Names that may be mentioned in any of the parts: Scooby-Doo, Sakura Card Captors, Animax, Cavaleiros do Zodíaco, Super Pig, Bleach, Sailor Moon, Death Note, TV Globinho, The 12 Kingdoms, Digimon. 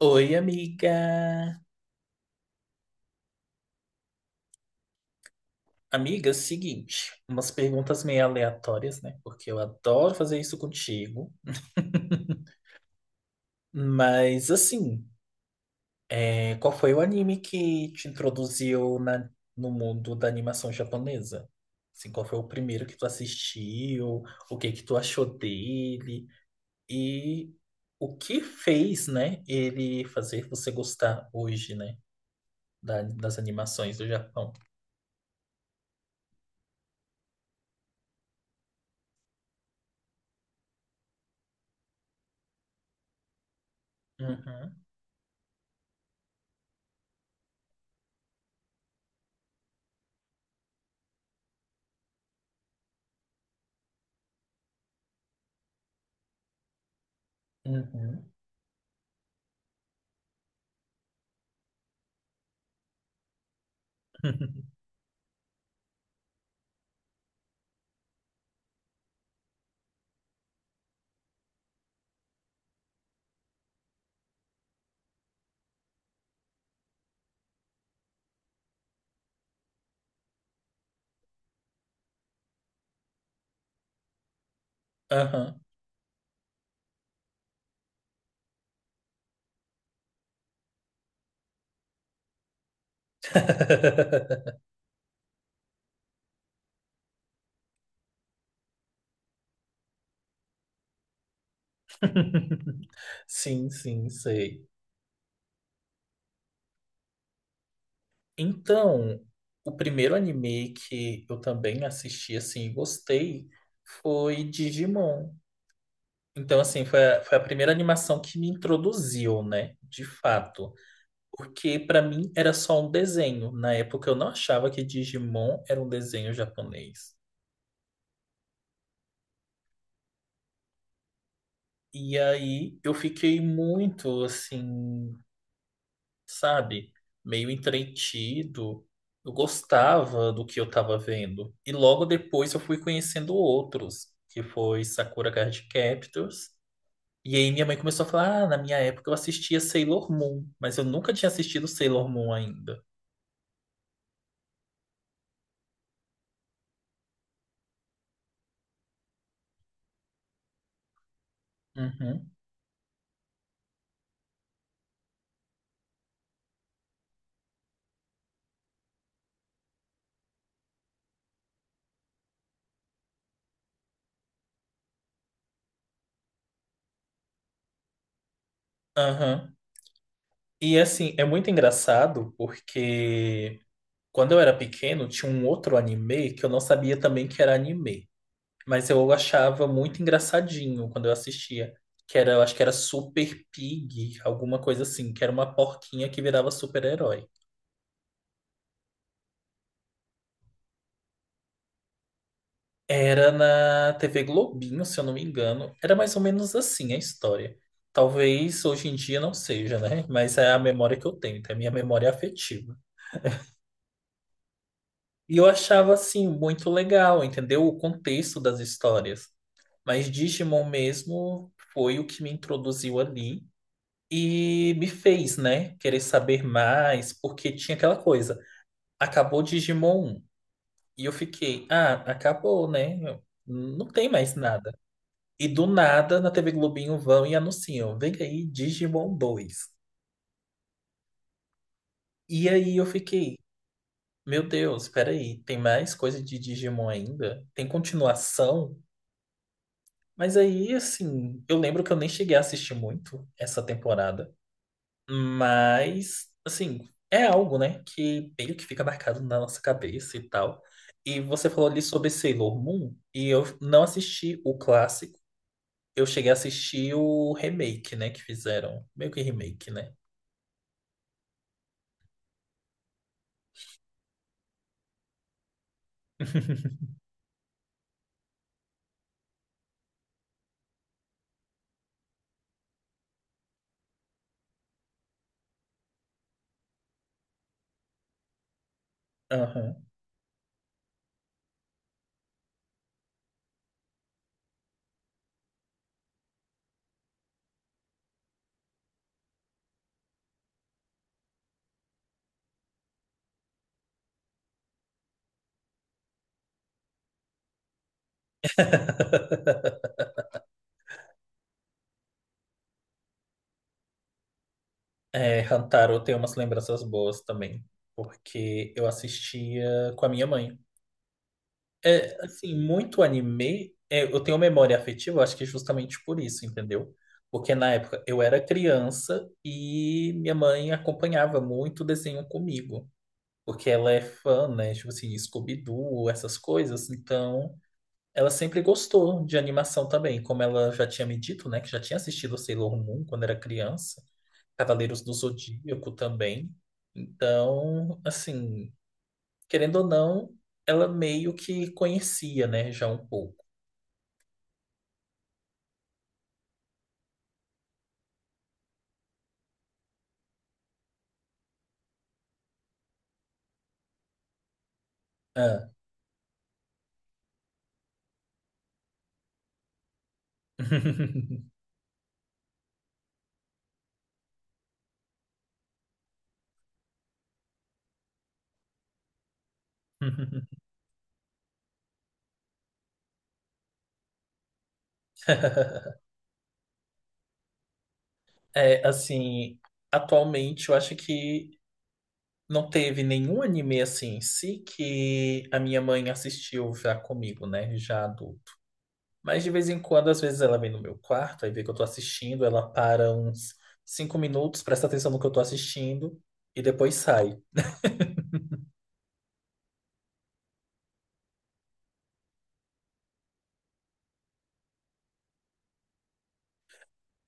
Oi, amiga. Amiga, é o seguinte, umas perguntas meio aleatórias, né? Porque eu adoro fazer isso contigo. Mas, assim, é, qual foi o anime que te introduziu no mundo da animação japonesa? Assim, qual foi o primeiro que tu assistiu? O que que tu achou dele? E o que fez, né, ele fazer você gostar hoje, né, das animações do Japão? Uhum, uhum, aham. Sim, sim, sei. Então, o primeiro anime que eu também assisti assim e gostei foi Digimon. Então, assim, foi a primeira animação que me introduziu, né? De fato. Porque pra mim era só um desenho. Na época eu não achava que Digimon era um desenho japonês. E aí eu fiquei muito assim, sabe? Meio entretido. Eu gostava do que eu estava vendo. E logo depois eu fui conhecendo outros, que foi Sakura Card Captors. E aí minha mãe começou a falar: Ah, na minha época eu assistia Sailor Moon, mas eu nunca tinha assistido Sailor Moon ainda. Uhum. Aham. E assim, é muito engraçado porque quando eu era pequeno tinha um outro anime que eu não sabia também que era anime. Mas eu achava muito engraçadinho quando eu assistia. Que era, eu acho que era Super Pig, alguma coisa assim, que era uma porquinha que virava super-herói. Era na TV Globinho, se eu não me engano. Era mais ou menos assim a história. Talvez hoje em dia não seja, né? Mas é a memória que eu tenho, então é a minha memória afetiva. E eu achava, assim, muito legal, entendeu? O contexto das histórias. Mas Digimon mesmo foi o que me introduziu ali. E me fez, né, querer saber mais, porque tinha aquela coisa. Acabou Digimon 1. E eu fiquei, ah, acabou, né? Não tem mais nada. E do nada, na TV Globinho vão e anunciam, vem aí Digimon dois. E aí eu fiquei, meu Deus, peraí, tem mais coisa de Digimon ainda? Tem continuação? Mas aí, assim, eu lembro que eu nem cheguei a assistir muito essa temporada. Mas, assim, é algo, né, que meio que fica marcado na nossa cabeça e tal. E você falou ali sobre Sailor Moon, e eu não assisti o clássico, eu cheguei a assistir o remake, né, que fizeram. Meio que remake, né? Aham. É, Hantaro tem umas lembranças boas também, porque eu assistia com a minha mãe. É, assim, muito anime, é, eu tenho memória afetiva, acho que é justamente por isso, entendeu? Porque na época eu era criança e minha mãe acompanhava muito desenho comigo, porque ela é fã, né? Tipo assim, Scooby-Doo, essas coisas, então ela sempre gostou de animação também, como ela já tinha me dito, né? Que já tinha assistido Sailor Moon quando era criança, Cavaleiros do Zodíaco também. Então, assim, querendo ou não, ela meio que conhecia, né, já um pouco. Ah. É, assim, atualmente eu acho que não teve nenhum anime assim em si que a minha mãe assistiu já comigo, né? Já adulto. Mas de vez em quando, às vezes ela vem no meu quarto, aí vê que eu tô assistindo, ela para uns 5 minutos, presta atenção no que eu tô assistindo e depois sai.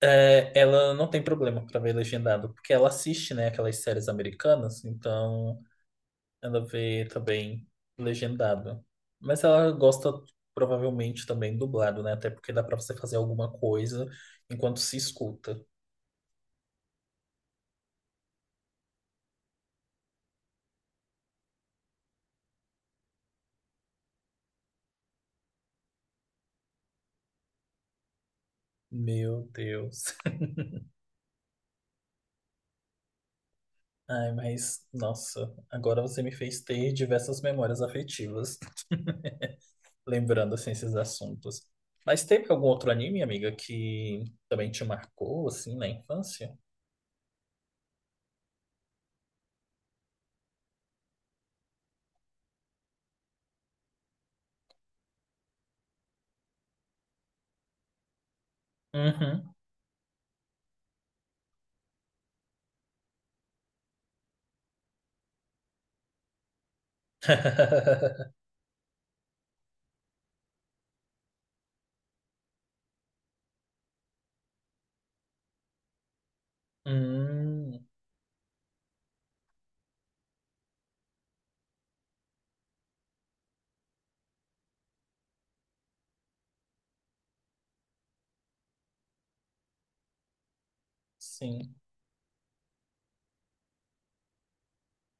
É, ela não tem problema pra ver legendado, porque ela assiste, né, aquelas séries americanas, então ela vê também legendado. Mas ela gosta provavelmente também dublado, né? Até porque dá pra você fazer alguma coisa enquanto se escuta. Meu Deus. Ai, mas nossa, agora você me fez ter diversas memórias afetivas, lembrando assim, esses assuntos. Mas teve algum outro anime, amiga, que também te marcou assim na infância? Uhum. Hum, sim.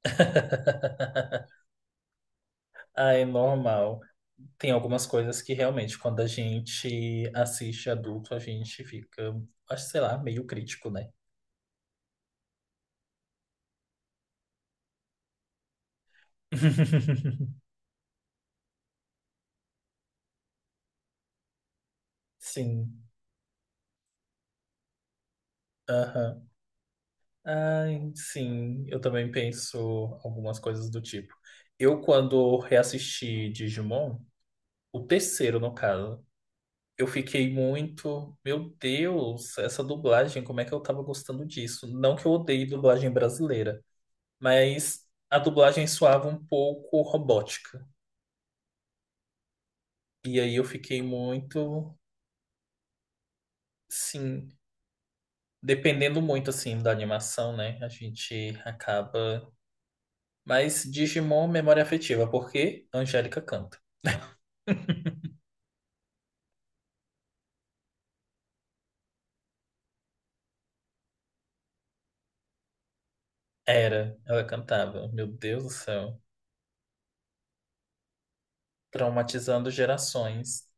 Ah, é normal. Tem algumas coisas que realmente, quando a gente assiste adulto, a gente fica, acho, sei lá, meio crítico, né? Sim. Aham. Ai, sim. Eu também penso algumas coisas do tipo. Eu, quando reassisti Digimon, o terceiro, no caso, eu fiquei muito. Meu Deus, essa dublagem, como é que eu tava gostando disso? Não que eu odeie dublagem brasileira. Mas a dublagem soava um pouco robótica. E aí eu fiquei muito, sim, dependendo muito assim da animação, né? A gente acaba. Mas Digimon, memória afetiva, porque Angélica canta. Era, ela cantava. Meu Deus do céu. Traumatizando gerações.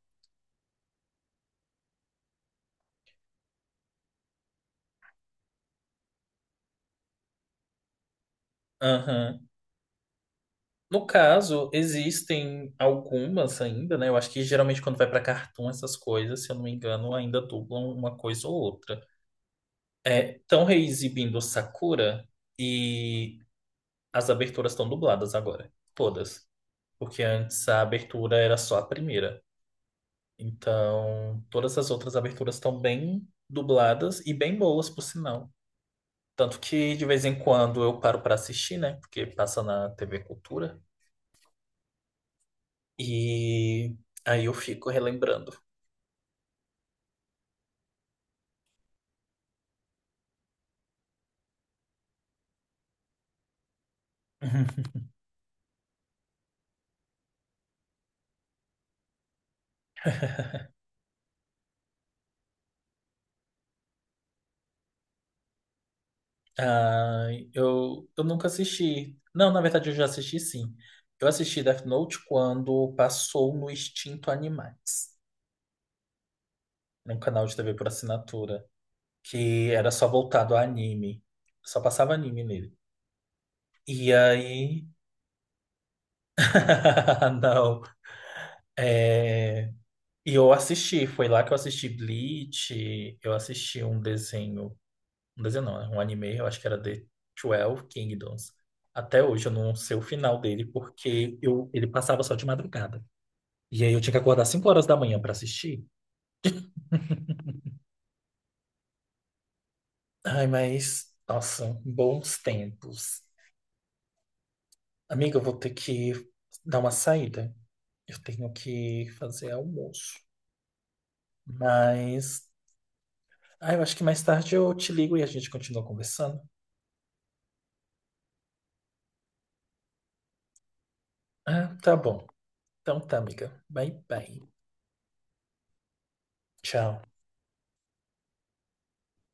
Aham. No caso, existem algumas ainda, né? Eu acho que geralmente quando vai pra cartoon, essas coisas, se eu não me engano, ainda dublam uma coisa ou outra. É, estão reexibindo Sakura e as aberturas estão dubladas agora, todas. Porque antes a abertura era só a primeira. Então, todas as outras aberturas estão bem dubladas e bem boas, por sinal. Tanto que de vez em quando eu paro para assistir, né? Porque passa na TV Cultura. E aí eu fico relembrando. Ah, eu nunca assisti. Não, na verdade eu já assisti sim. Eu assisti Death Note quando passou no Extinto Animax, num canal de TV por assinatura, que era só voltado a anime. Só passava anime nele. E aí. Não. É. E eu assisti, foi lá que eu assisti Bleach, eu assisti um desenho, um desenho não, né? Um anime, eu acho que era The 12 Kingdoms. Até hoje eu não sei o final dele, porque eu, ele passava só de madrugada. E aí eu tinha que acordar 5 horas da manhã pra assistir. Ai, mas, nossa, bons tempos. Amiga, eu vou ter que dar uma saída. Eu tenho que fazer almoço. Mas, ai, eu acho que mais tarde eu te ligo e a gente continua conversando. Ah, tá bom. Então tá, amiga. Bye, bye. Tchau.